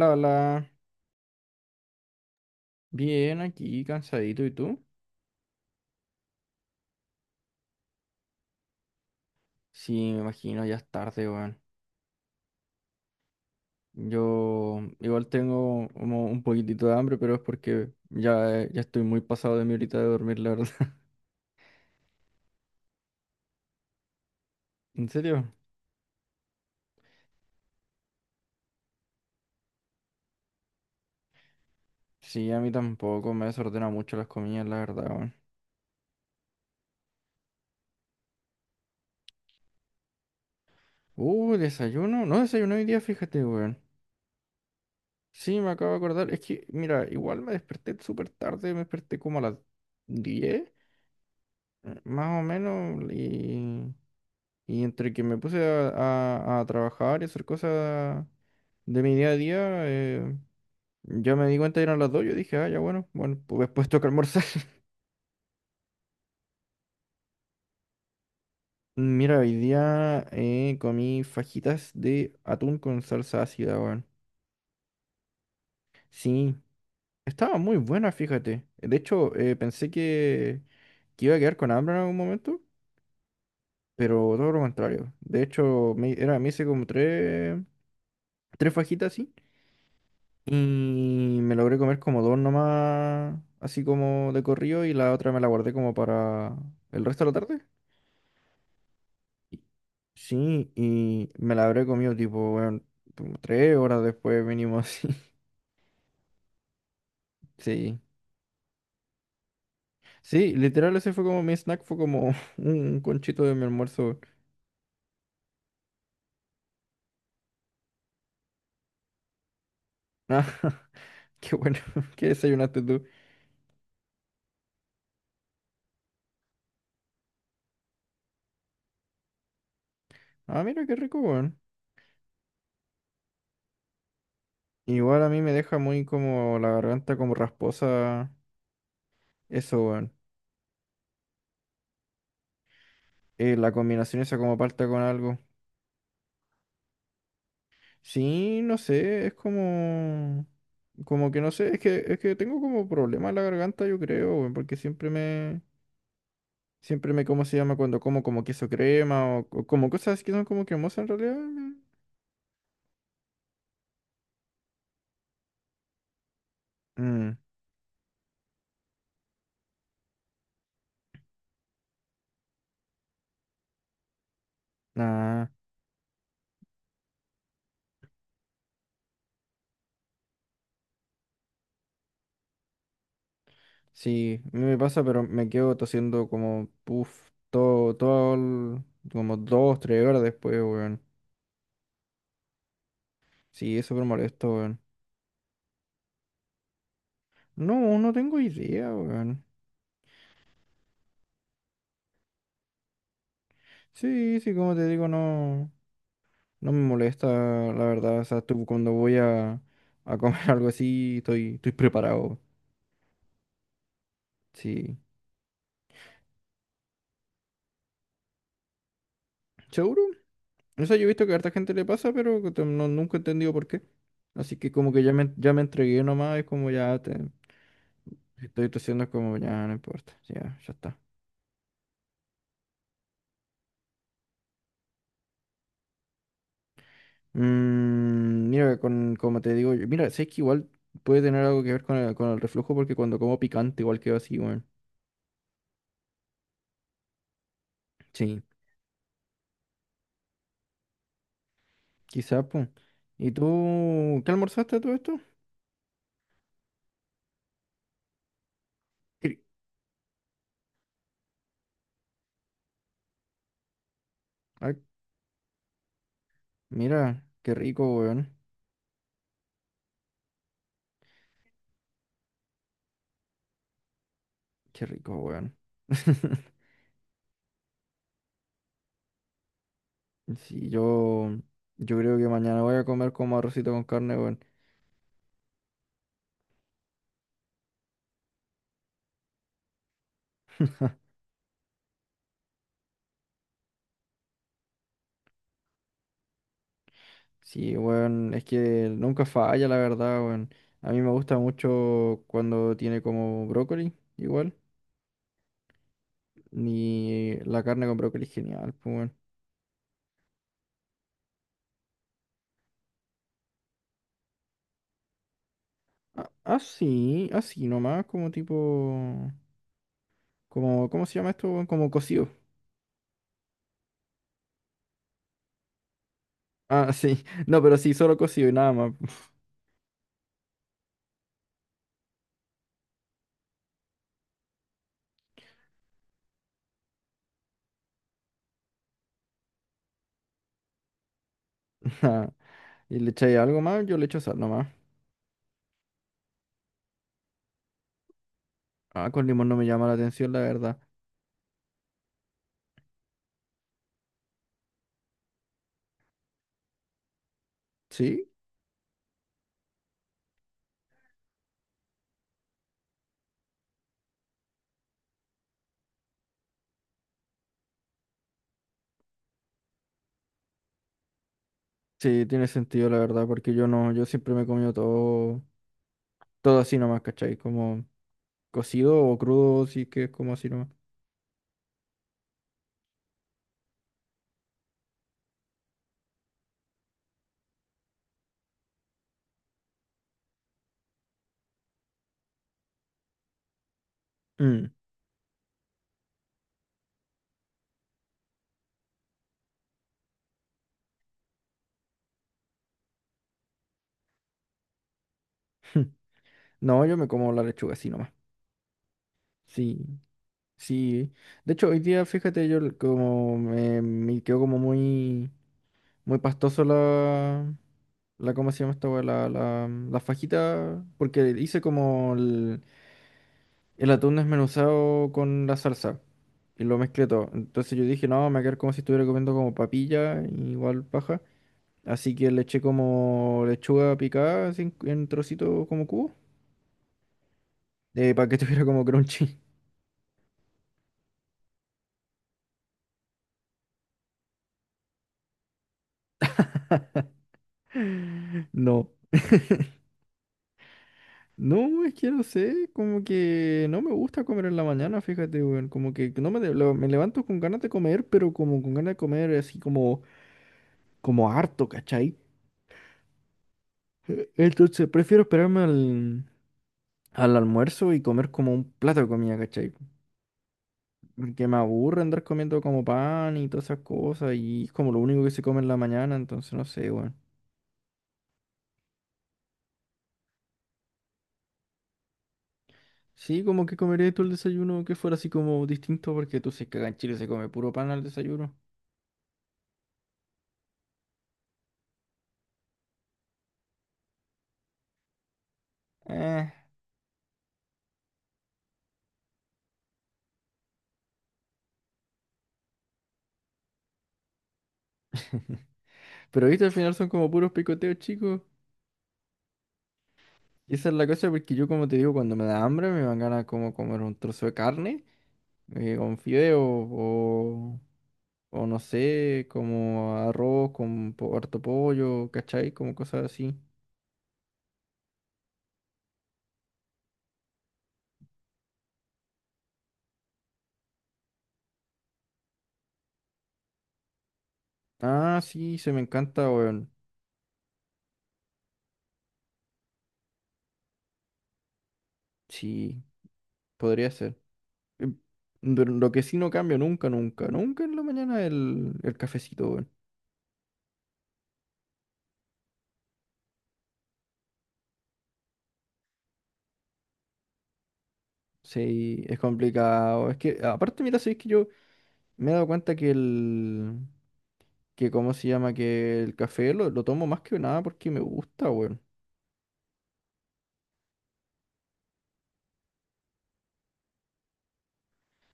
La, la, bien aquí, cansadito, ¿y tú? Sí, me imagino, ya es tarde, weón. Yo igual tengo como un poquitito de hambre, pero es porque ya, ya estoy muy pasado de mi horita de dormir, la verdad. ¿En serio? Sí, a mí tampoco me desordena mucho las comidas, la verdad, weón. Desayuno. No desayuno hoy día, fíjate, weón. Sí, me acabo de acordar. Es que, mira, igual me desperté súper tarde, me desperté como a las 10, más o menos, Y entre que me puse a trabajar y hacer cosas de mi día a día, ya me di cuenta eran las dos. Yo dije, ah, ya bueno, pues después toca almorzar. Mira, hoy día comí fajitas de atún con salsa ácida, weón. Sí, estaba muy buena, fíjate. De hecho, pensé que iba a quedar con hambre en algún momento, pero todo lo contrario. De hecho, me hice como tres fajitas así. Y me logré comer como dos nomás, así como de corrido, y la otra me la guardé como para el resto de la tarde. Y- Sí, y me la habré comido tipo, bueno, como tres horas después mínimo así. Sí. Sí, literal ese fue como mi snack, fue como un conchito de mi almuerzo. Ah, qué bueno, ¿qué desayunaste tú? Ah, mira, qué rico, weón. Igual a mí me deja muy como la garganta como rasposa, eso, weón. La combinación esa como palta con algo. Sí, no sé, es como... Como que no sé, es que tengo como problema en la garganta, yo creo, weón, porque siempre me... Siempre me, ¿cómo se llama? Cuando como como queso crema o como cosas que son como cremosas en realidad. Mm, ah, sí, a mí me pasa, pero me quedo tosiendo como, puff, todo, como dos, tres horas después, weón. Sí, es súper molesto, weón. No, no tengo idea, weón. Sí, sí, como te digo, no. No me molesta, la verdad. O sea, tú, cuando voy a comer algo así, estoy preparado. Sí. ¿Seguro? O sea, yo he visto que a harta gente le pasa, pero que no, nunca he entendido por qué. Así que como que ya me entregué nomás, es como ya te, estoy tosiendo, es como ya no importa. Ya, ya está. Mm, mira, con, como te digo, mira, sé que igual puede tener algo que ver con el reflujo, porque cuando como picante igual quedo así, weón. Sí, quizás, pues. ¿Y tú qué almorzaste a todo esto? Cri- Mira, qué rico, weón. Qué rico, weón. Sí, yo creo que mañana voy a comer como arrocito con carne, weón. Sí, weón, es que nunca falla, la verdad, weón. A mí me gusta mucho cuando tiene como brócoli, igual. Ni la carne con brócoli es genial, pues, weón. A- Así, así nomás, como tipo... Como, ¿cómo se llama esto, weón? Como cocido. Ah, sí. No, pero sí, solo cocido y nada más. Ajá. Y le echáis algo más, yo le echo sal nomás. Ah, con limón no me llama la atención, la verdad. Sí, sí, tiene sentido, la verdad, porque yo no, yo siempre me he comido todo, todo así nomás, ¿cachai? Como cocido o crudo, sí que es como así nomás. Mm. No, yo me como la lechuga así nomás. Sí, sí. De hecho, hoy día, fíjate, como me quedó como muy, muy pastoso ¿cómo se llama esta weá? La fajita, porque hice como el atún desmenuzado con la salsa y lo mezclé todo. Entonces yo dije, no, me va a quedar como si estuviera comiendo como papilla, igual paja. Así que le eché como lechuga picada así en trocitos como cubo, para que estuviera como crunchy. No. No, es que no sé, como que no me gusta comer en la mañana, fíjate, weón, como que no me levanto con ganas de comer, pero como con ganas de comer así como, como harto, ¿cachai? Entonces prefiero esperarme al, al almuerzo y comer como un plato de comida, ¿cachai? Porque me aburre andar comiendo como pan y todas esas cosas y es como lo único que se come en la mañana, entonces no sé, weón. Sí, como que comería tú el desayuno que fuera así como distinto porque tú sabes que acá en Chile se come puro pan al desayuno. Eh. Pero viste, al final son como puros picoteos, chicos. Y esa es la cosa porque yo, como te digo, cuando me da hambre me van ganas como comer un trozo de carne. Con fideo o no sé, como arroz con harto pollo, ¿cachai? Como cosas así. Ah, sí, se me encanta, weón. Sí, podría ser. Em, pero lo que sí no cambio nunca, nunca, nunca en la mañana el cafecito, weón. Sí, es complicado. Es que, aparte, mira, sí, que yo me he dado cuenta que cómo se llama, que el café lo tomo más que nada porque me gusta, weón.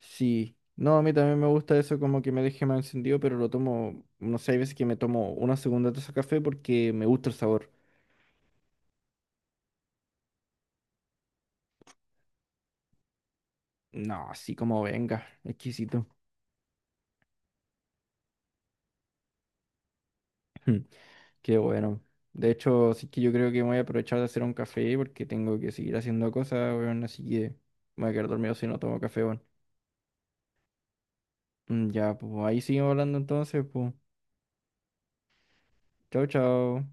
Sí, no, a mí también me gusta eso como que me deje más encendido, pero lo tomo, no sé, hay veces que me tomo una segunda taza de café porque me gusta el sabor. No, así como venga, exquisito. Mm, qué bueno. De hecho, sí que yo creo que me voy a aprovechar de hacer un café porque tengo que seguir haciendo cosas, weón, así que me voy a quedar dormido si no tomo café, weón. Mm, ya, pues ahí seguimos hablando entonces, pues. Chao, chao.